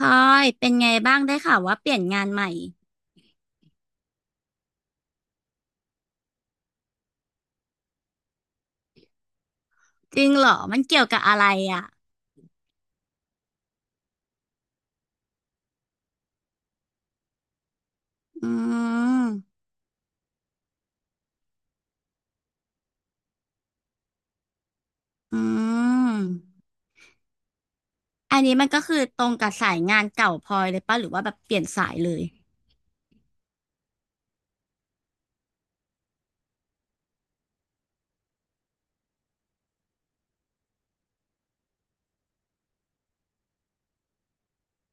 พลอยเป็นไงบ้างได้ข่าวว่าเปลี่ยนงานใหม่จริงเหรอมันเกี่ยวกับอะไรอ่ะอืมอืมอันนี้มันก็คือตรงกับสายงานเก่าพลอยเลยป่ะหรือว่าแบบเปลี่ยนสายเลย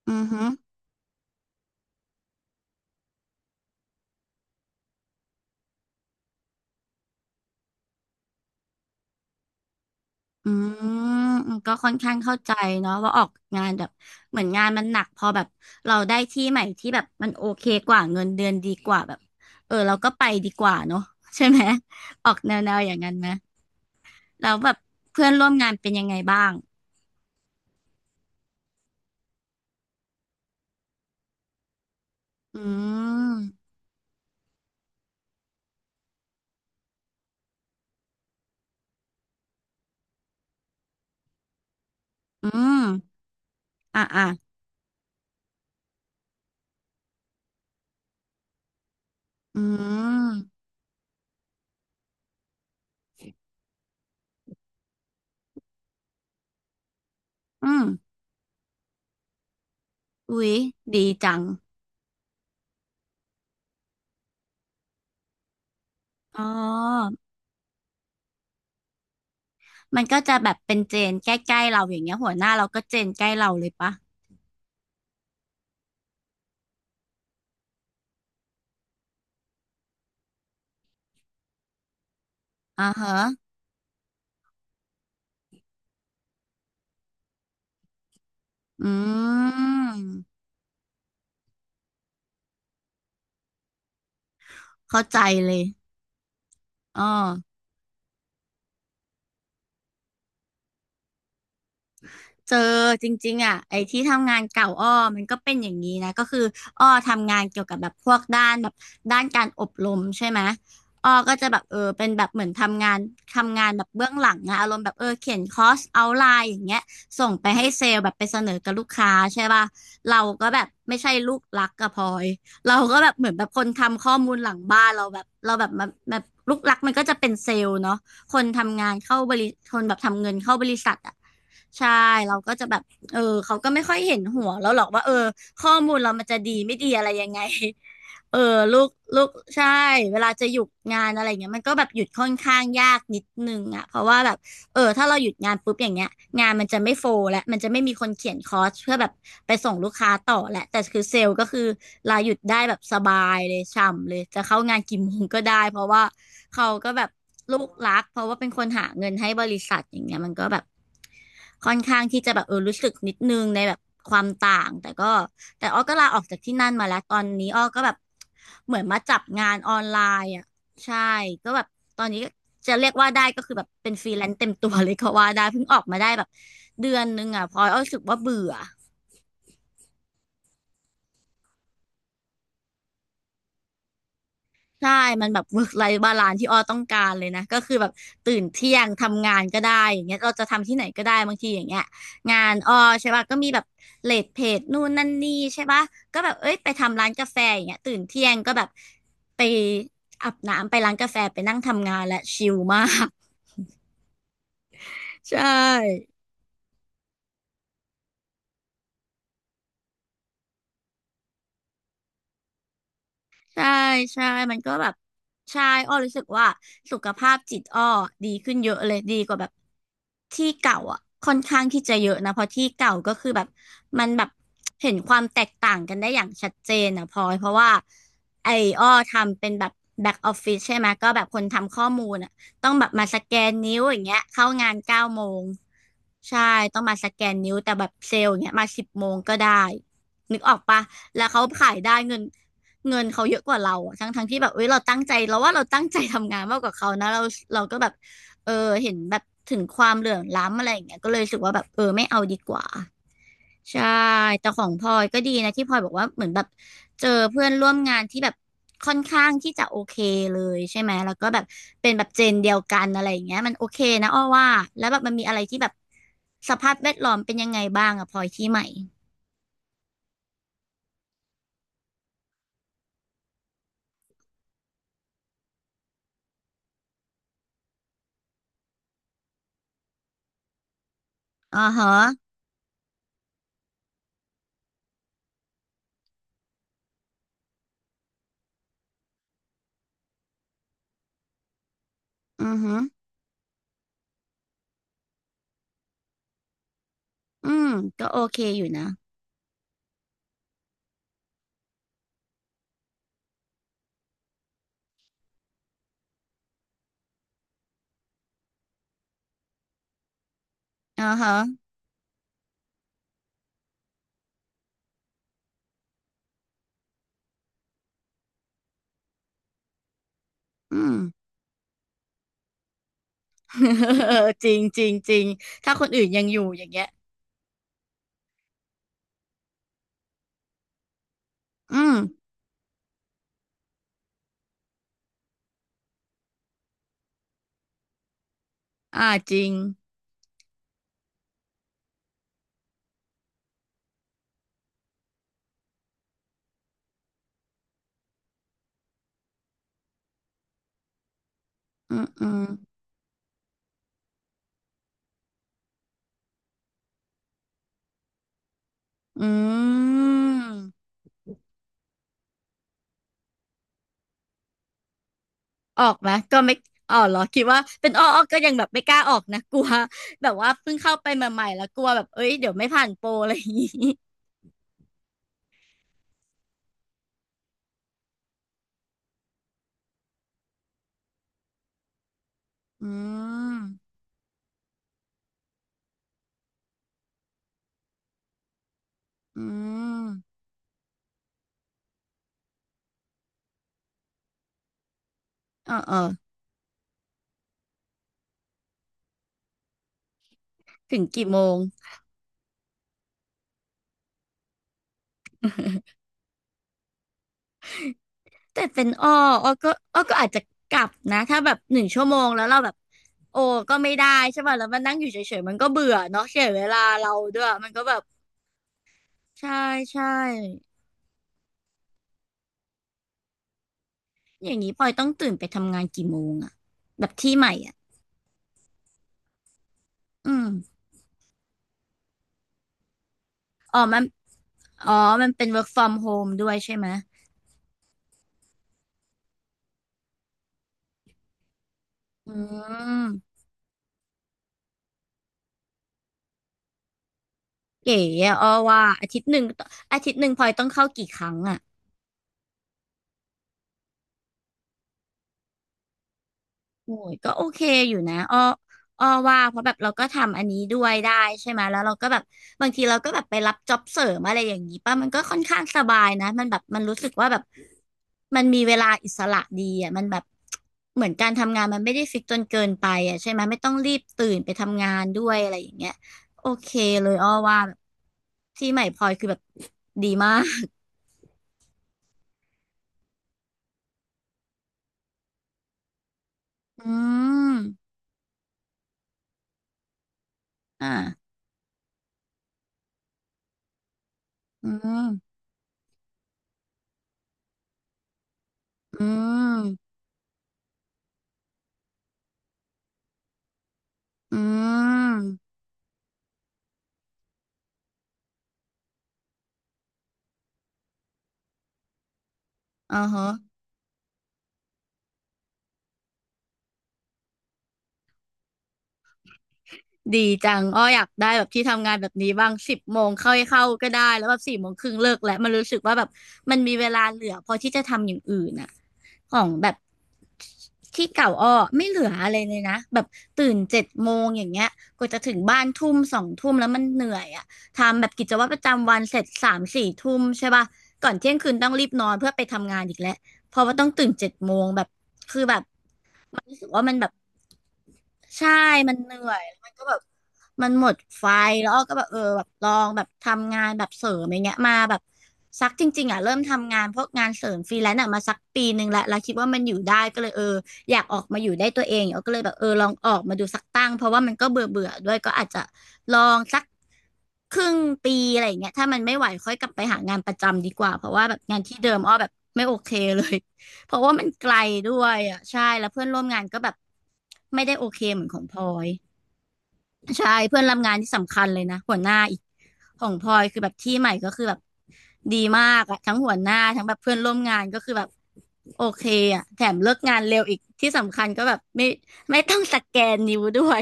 อือฮึอืมก็ค่อนข้างเข้าใจเนาะว่าออกงานแบบเหมือนงานมันหนักพอแบบเราได้ที่ใหม่ที่แบบมันโอเคกว่าเงินเดือนดีกว่าแบบเออเราก็ไปดีกว่าเนาะใช่ไหมออกแนวๆอย่างนั้นไหมแล้วแบบเพื่อนร่วมงานเป็นยังไงบ้างอืม อืมอ่ะอ่ะ อืม อืมอุ๊ยดีจัง อ๋อ มันก็จะแบบเป็นเจนใกล้ๆเราอย่างเงี้ยหัวหน้าเราก็เจนใกล้เราเลยปะอ่าฮะอืม เข้าใจเลย อ๋อ เจอจริงๆอ่ะไอ้ที่ทำงานเก่าอ้อมันก็เป็นอย่างนี้นะก็คืออ้อทำงานเกี่ยวกับแบบพวกด้านแบบด้านการอบรมใช่ไหมอ้อก็จะแบบเออเป็นแบบเหมือนทำงานแบบเบื้องหลังนะอารมณ์แบบเออเขียนคอร์สเอาไลน์อย่างเงี้ยส่งไปให้เซลล์แบบไปเสนอกับลูกค้าใช่ป่ะเราก็แบบไม่ใช่ลูกรักกับพลอยเราก็แบบเหมือนแบบคนทำข้อมูลหลังบ้านเราแบบเราแบบมาแบบลูกรักมันก็จะเป็นเซลล์เนาะ คนทำงานเข้าบริคนแบบทำเงินเข้าบริษัทอ่ะใช่เราก็จะแบบเออเขาก็ไม่ค่อยเห็นหัวเราหรอกว่าเออข้อมูลเรามันจะดีไม่ดีอะไรยังไง เออลูกลูกใช่เวลาจะหยุดงานอะไรเงี้ยมันก็แบบหยุดค่อนข้างยากนิดนึงอ่ะเพราะว่าแบบ เออถ้าเราหยุดงานปุ๊บอย่างเงี้ยงานมันจะไม่โฟลและมันจะไม่มีคนเขียนคอร์สเพื่อแบบไปส่งลูกค้าต่อแหละแต่คือเซลล์ก็คือลาหยุดได้แบบสบายเลยช่ำเลยจะเข้างานกี่โมงก็ได้เพราะว่าเขาก็แบบลูกรักเพราะว่าเป็นคนหาเงินให้บริษัทอย่างเงี้ยมันก็แบบค่อนข้างที่จะแบบเออรู้สึกนิดนึงในแบบความต่างแต่ก็แต่อ้อก็ลาออกจากที่นั่นมาแล้วตอนนี้อ้อก็แบบเหมือนมาจับงานออนไลน์อ่ะ ใช่ก็แบบตอนนี้ก็จะเรียกว่าได้ก็คือแบบเป็นฟรีแลนซ์เต็มตัวเลยก็ว่าได้เพิ่งออกมาได้แบบเดือนนึงอ่ะพลอยอ้อรู้สึกว่าเบื่อใช่มันแบบ work life balance ที่อ้อต้องการเลยนะก็คือแบบตื่นเที่ยงทำงานก็ได้อย่างเงี้ยเราจะทำที่ไหนก็ได้บางทีอย่างเงี้ยงานอ้อใช่ป่ะก็มีแบบเลทเพจนู่นนั่นนี่ใช่ป่ะก็แบบเอ้ยไปทำร้านกาแฟอย่างเงี้ยตื่นเที่ยงก็แบบไปอาบน้ำไปร้านกาแฟไปนั่งทำงานและชิลมาก ใช่ ใช่ใช่ มันก็แบบใช่อ้อรู้สึกว่าสุขภาพจิตอ้อดีขึ้นเยอะเลยดีกว่าแบบที่เก่าอ่ะค่อนข้างที่จะเยอะนะเพราะที่เก่าก็คือแบบมันแบบเห็นความแตกต่างกันได้อย่างชัดเจนอ่ะพลอยเพราะว่าไอ้อ้อทำเป็นแบบแบ็กออฟฟิศใช่ไหมก็แบบคนทำข้อมูลอ่ะต้องแบบมาสแกนนิ้วอย่างเงี้ยเข้างาน9 โมงใช่ต้องมาสแกนนิ้วแต่แบบเซลล์อย่างเงี้ยมา10 โมงก็ได้นึกออกปะแล้วเขาขายได้เงิน เงินเขาเยอะกว่าเราอะทั้งที่แบบเอ้ยเราตั้งใจเราว่าเราตั้งใจทำงานมากกว่าเขานะเราก็แบบเออเห็นแบบถึงความเหลื่อมล้ำอะไรอย่างเงี้ยก็เลยรู้สึกว่าแบบเออไม่เอาดีกว่าใช่แต่ของพลอยก็ดีนะที่พลอยบอกว่าเหมือนแบบเจอเพื่อนร่วมงานที่แบบค่อนข้างที่จะโอเคเลยใช่ไหมแล้วก็แบบเป็นแบบเจนเดียวกันอะไรอย่างเงี้ยมันโอเคนะอ้อว่าแล้วแบบมันมีอะไรที่แบบสภาพแวดล้อมเป็นยังไงบ้างอะพลอยที่ใหม่อ๋อฮะอือฮึอืมก็โอเคอยู่นะอ๋อฮะ อืม เจริงจริงจริงถ้าคนอื่นยังอยู่อย่างเงี้ยอืมอ่าจริงอืมอืมอืมออกไหมก็ไม่อ๋อเหรอคิดว่าเป็นอ้อก็ยังแบบไม่กล้าออกนะ กลัวแบบว่าเพิ่งเข้าไปใหม่ๆแล้วกลัวแบบเอ้ยเดี๋ยวไม่ผ่านโปรอะไรอย่างงี้ อืมอืมเออเออถึงกี่โมงแต่เป็นอ้อก็อาจจะกลับนะถ้าแบบ1 ชั่วโมงแล้วเราแบบ โอ้ก็ไม่ได้ใช่ป่ะแล้วมันนั่งอยู่เฉยๆมันก็เบื่อเนาะเสียเวลาเราด้วยมันก็แบบใช่ใช่อย่างนี้พลอยต้องตื่นไปทำงานกี่โมงอะแบบที่ใหม่อ่ะอืมอ๋อมันอ๋อมันเป็น work from home ด้วยใช่ไหมอืมเก๋อะอ้อว่าอาทิตย์หนึ่งอาทิตย์หนึ่งพลอยต้องเข้ากี่ครั้งอะ โอ้ยก็โอเคอยู่นะอ้ออ้อว่าเพราะแบบเราก็ทำอันนี้ด้วยได้ใช่ไหมแล้วเราก็แบบบางทีเราก็แบบไปรับจ็อบเสริมอะไรอย่างนี้ป่ะมันก็ค่อนข้างสบายนะมันแบบมันรู้สึกว่าแบบมันมีเวลาอิสระดีอ่ะมันแบบเหมือนการทำงานมันไม่ได้ฟิกจนเกินไปอ่ะใช่ไหมไม่ต้องรีบตื่นไปทำงานด้วยอะไรอย่างเงี้ยโอเคเลยอ้อว่าแบบที่ใหม่พลอยคือแบบดีมากอืมอ่าอืมอืมอืมอ๋อฮะ ดีจังอ้ออยากได้แบบที่ทำงานแบบนี้บ้าง10 โมงเข้าก็ได้แล้วแบบ4 โมงครึ่งเลิกแล้วมันรู้สึกว่าแบบมันมีเวลาเหลือพอที่จะทำอย่างอื่นอ่ะของแบบที่เก่าอ้อไม่เหลืออะไรเลยนะแบบตื่นเจ็ดโมงอย่างเงี้ยกว่าจะถึงบ้านทุ่มสองทุ่มแล้วมันเหนื่อยอ่ะทำแบบกิจวัตรประจำวันเสร็จสามสี่ทุ่มใช่ป่ะก่อนเที่ยงคืนต้องรีบนอนเพื่อไปทำงานอีกแล้วเพราะว่าต้องตื่นเจ็ดโมงแบบคือแบบ มันรู้สึกว่ามันแบบใช่มันเหนื่อยแล้วมันก็แบบมันหมดไฟแล้วอ้อก็แบบเออแบบลองแบบทำงานแบบเสริมอย่างเงี้ยมาแบบสักจริงๆอ่ะเริ่มทำงานพวกงานเสริมฟรีแลนซ์อ่ะมาสัก1 ปีแลวแล้วคิดว่ามันอยู่ได้ก็เลยเอออยากออกมาอยู่ได้ตัวเองอ้อก็เลยแบบเออลองออกมาดูสักตั้งเพราะว่ามันก็เบื่อเบื่อด้วยก็อาจจะลองสักครึ่งปีอะไรอย่างเงี้ยถ้ามันไม่ไหวค่อยกลับไปหางานประจำดีกว่าเพราะว่าแบบงานที่เดิมอ้อแบบไม่โอเคเลย เพราะว่ามันไกลด้วยอ่ะใช่แล้วเพื่อนร่วมงานก็แบบไม่ได้โอเคเหมือนของพลอยใช่เพื่อนร่วมงานที่สำคัญเลยนะหัวหน้าอีกของพลอยคือแบบที่ใหม่ก็คือแบบดีมากอ่ะทั้งหัวหน้าทั้งแบบเพื่อนร่วมงานก็คือแบบโอเคอ่ะแถมเลิกงานเร็วอีกที่สำคัญก็แบบไม่ต้องสแกนนิ้วด้วย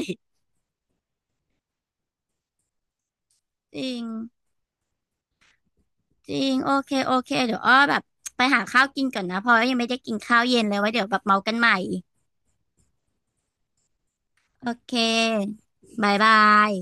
จริงจริงโอเคโอเคเดี๋ยวอ้อแบบไปหาข้าวกินก่อนนะเพราะว่ายังไม่ได้กินข้าวเย็นเลยไว้เดี๋ยวแบบเมากันใหม่โอเคบายบาย